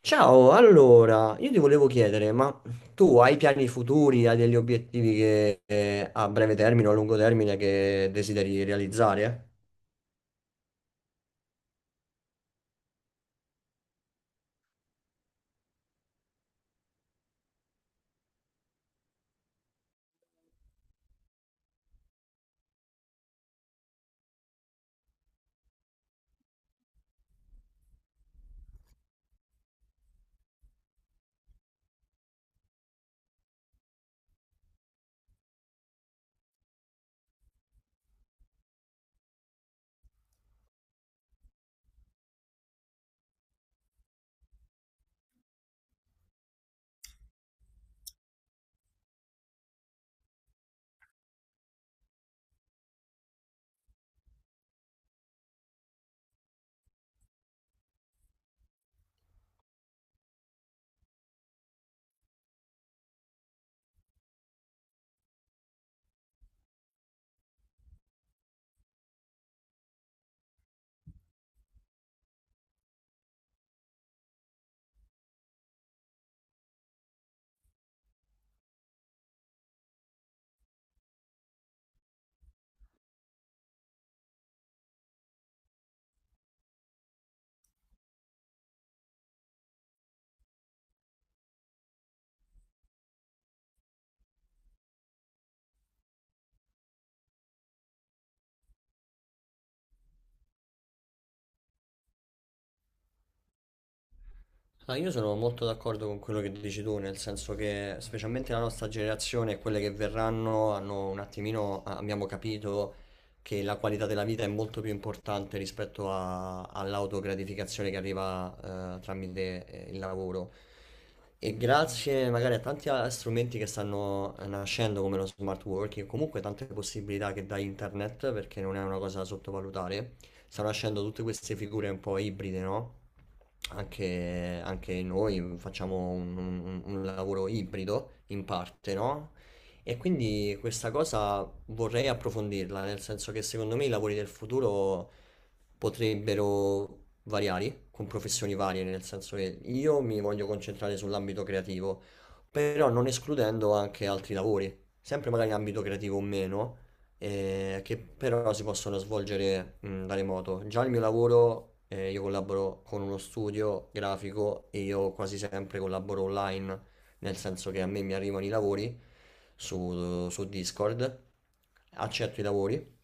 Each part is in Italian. Ciao, allora, io ti volevo chiedere, ma tu hai piani futuri, hai degli obiettivi che, a breve termine o a lungo termine che desideri realizzare? Ah, io sono molto d'accordo con quello che dici tu, nel senso che specialmente la nostra generazione e quelle che verranno hanno un attimino, ah, abbiamo capito che la qualità della vita è molto più importante rispetto all'autogratificazione che arriva tramite il lavoro. E grazie magari a tanti strumenti che stanno nascendo come lo smart working, comunque tante possibilità che dà internet, perché non è una cosa da sottovalutare, stanno nascendo tutte queste figure un po' ibride, no? Anche, anche noi facciamo un lavoro ibrido in parte, no? E quindi questa cosa vorrei approfondirla, nel senso che secondo me i lavori del futuro potrebbero variare con professioni varie, nel senso che io mi voglio concentrare sull'ambito creativo, però non escludendo anche altri lavori, sempre magari in ambito creativo o meno, che però si possono svolgere da remoto. Già il mio lavoro, io collaboro con uno studio grafico e io quasi sempre collaboro online, nel senso che a me mi arrivano i lavori su Discord, accetto i lavori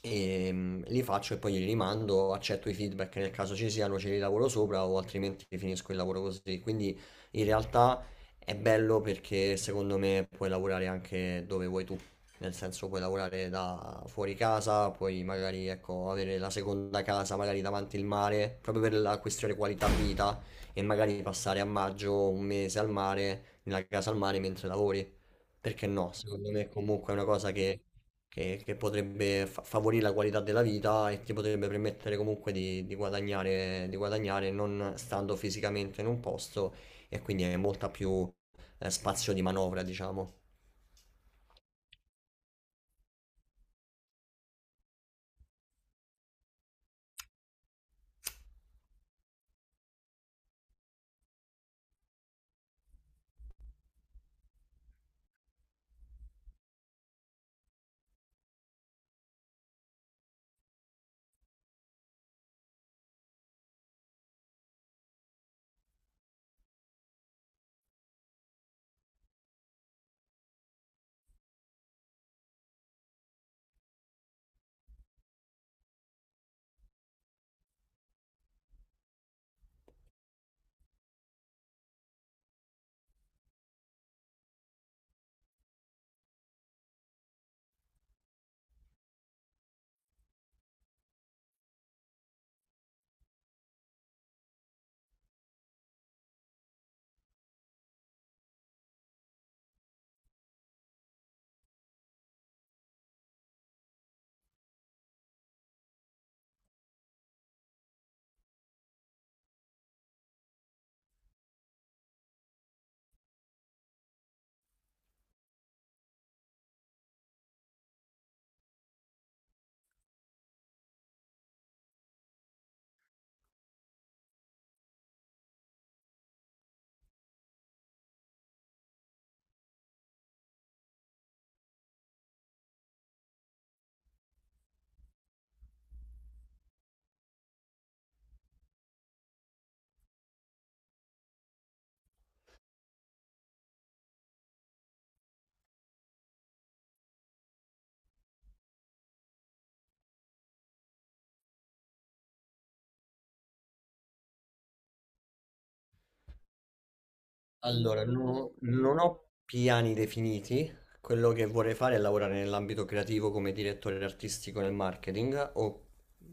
e li faccio e poi li rimando, accetto i feedback nel caso ci siano, ce li lavoro sopra o altrimenti finisco il lavoro così. Quindi in realtà... È bello perché secondo me puoi lavorare anche dove vuoi tu, nel senso puoi lavorare da fuori casa, puoi magari ecco, avere la seconda casa magari davanti il mare, proprio per la questione qualità vita e magari passare a maggio un mese al mare, nella casa al mare mentre lavori. Perché no? Secondo me comunque è una cosa che, che potrebbe favorire la qualità della vita e ti potrebbe permettere comunque di guadagnare non stando fisicamente in un posto e quindi hai molta più spazio di manovra, diciamo. Allora, non ho piani definiti. Quello che vorrei fare è lavorare nell'ambito creativo come direttore artistico nel marketing. O,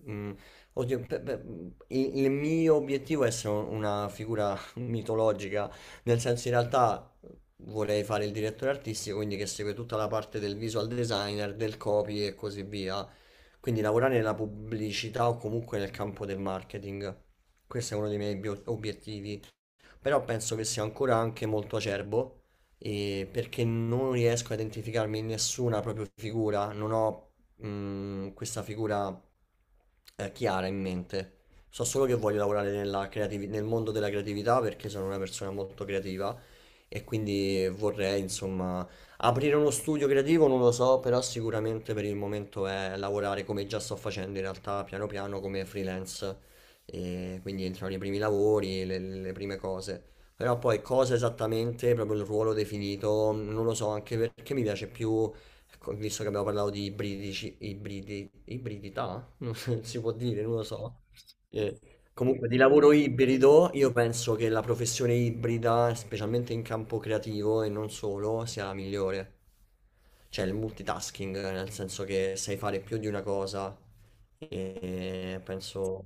mm, oddio, il mio obiettivo è essere una figura mitologica, nel senso in realtà vorrei fare il direttore artistico, quindi che segue tutta la parte del visual designer, del copy e così via. Quindi lavorare nella pubblicità o comunque nel campo del marketing. Questo è uno dei miei obiettivi, però penso che sia ancora anche molto acerbo e perché non riesco a identificarmi in nessuna proprio figura, non ho questa figura chiara in mente. So solo che voglio lavorare nella nel mondo della creatività perché sono una persona molto creativa e quindi vorrei, insomma, aprire uno studio creativo, non lo so, però sicuramente per il momento è lavorare come già sto facendo in realtà, piano piano come freelance e quindi entrano i primi lavori, le prime cose. Però poi cosa esattamente, proprio il ruolo definito, non lo so, anche perché mi piace più, ecco, visto che abbiamo parlato di ibridici, ibridi, ibridità, non si può dire, non lo so. Eh, Comunque di lavoro ibrido, io penso che la professione ibrida, specialmente in campo creativo e non solo, sia la migliore. Cioè il multitasking, nel senso che sai fare più di una cosa e penso...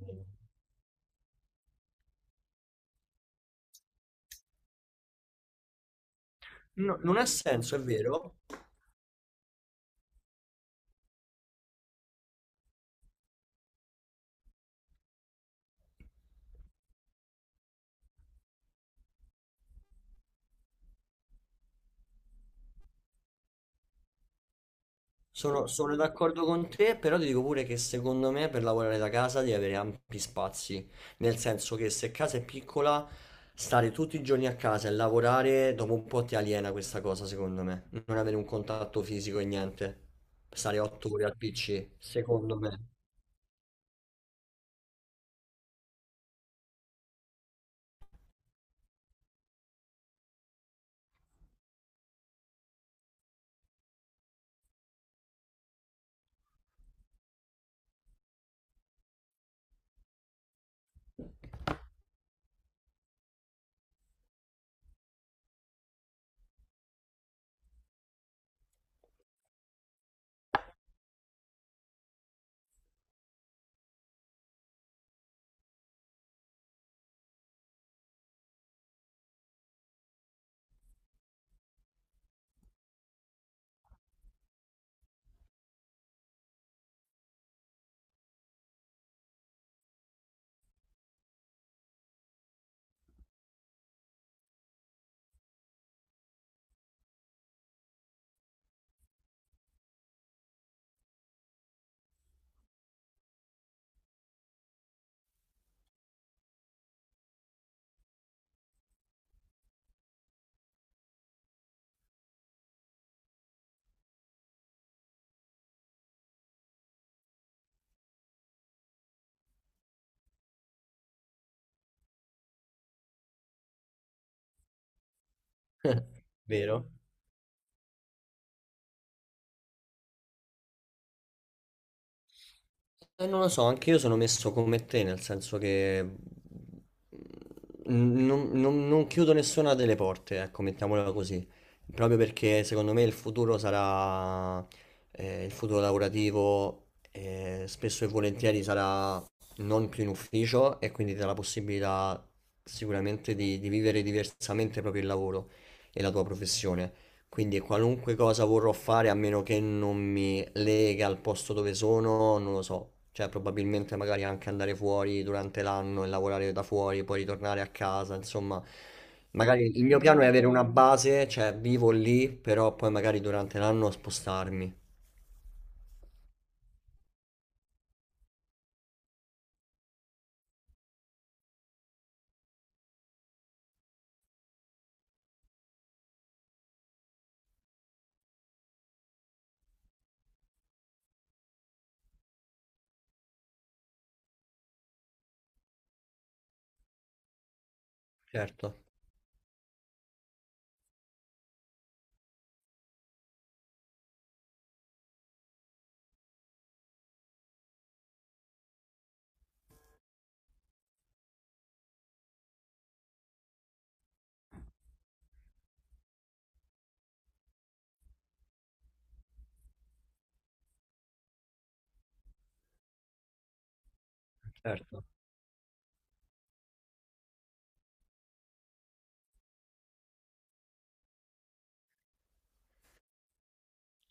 No, non ha senso, è vero. Sono, sono d'accordo con te, però ti dico pure che secondo me per lavorare da casa devi avere ampi spazi. Nel senso che se casa è piccola, stare tutti i giorni a casa e lavorare, dopo un po' ti aliena questa cosa, secondo me. Non avere un contatto fisico e niente. Stare 8 ore al PC, secondo me. Vero? Non lo so, anche io sono messo come te, nel senso che non, non chiudo nessuna delle porte, ecco, mettiamola così. Proprio perché secondo me il futuro sarà, il futuro lavorativo, spesso e volentieri sarà non più in ufficio e quindi ti dà la possibilità sicuramente di vivere diversamente proprio il lavoro e la tua professione. Quindi qualunque cosa vorrò fare, a meno che non mi lega al posto dove sono, non lo so. Cioè, probabilmente magari anche andare fuori durante l'anno e lavorare da fuori, poi ritornare a casa, insomma. Magari il mio piano è avere una base, cioè vivo lì, però poi magari durante l'anno spostarmi. Certo, certo.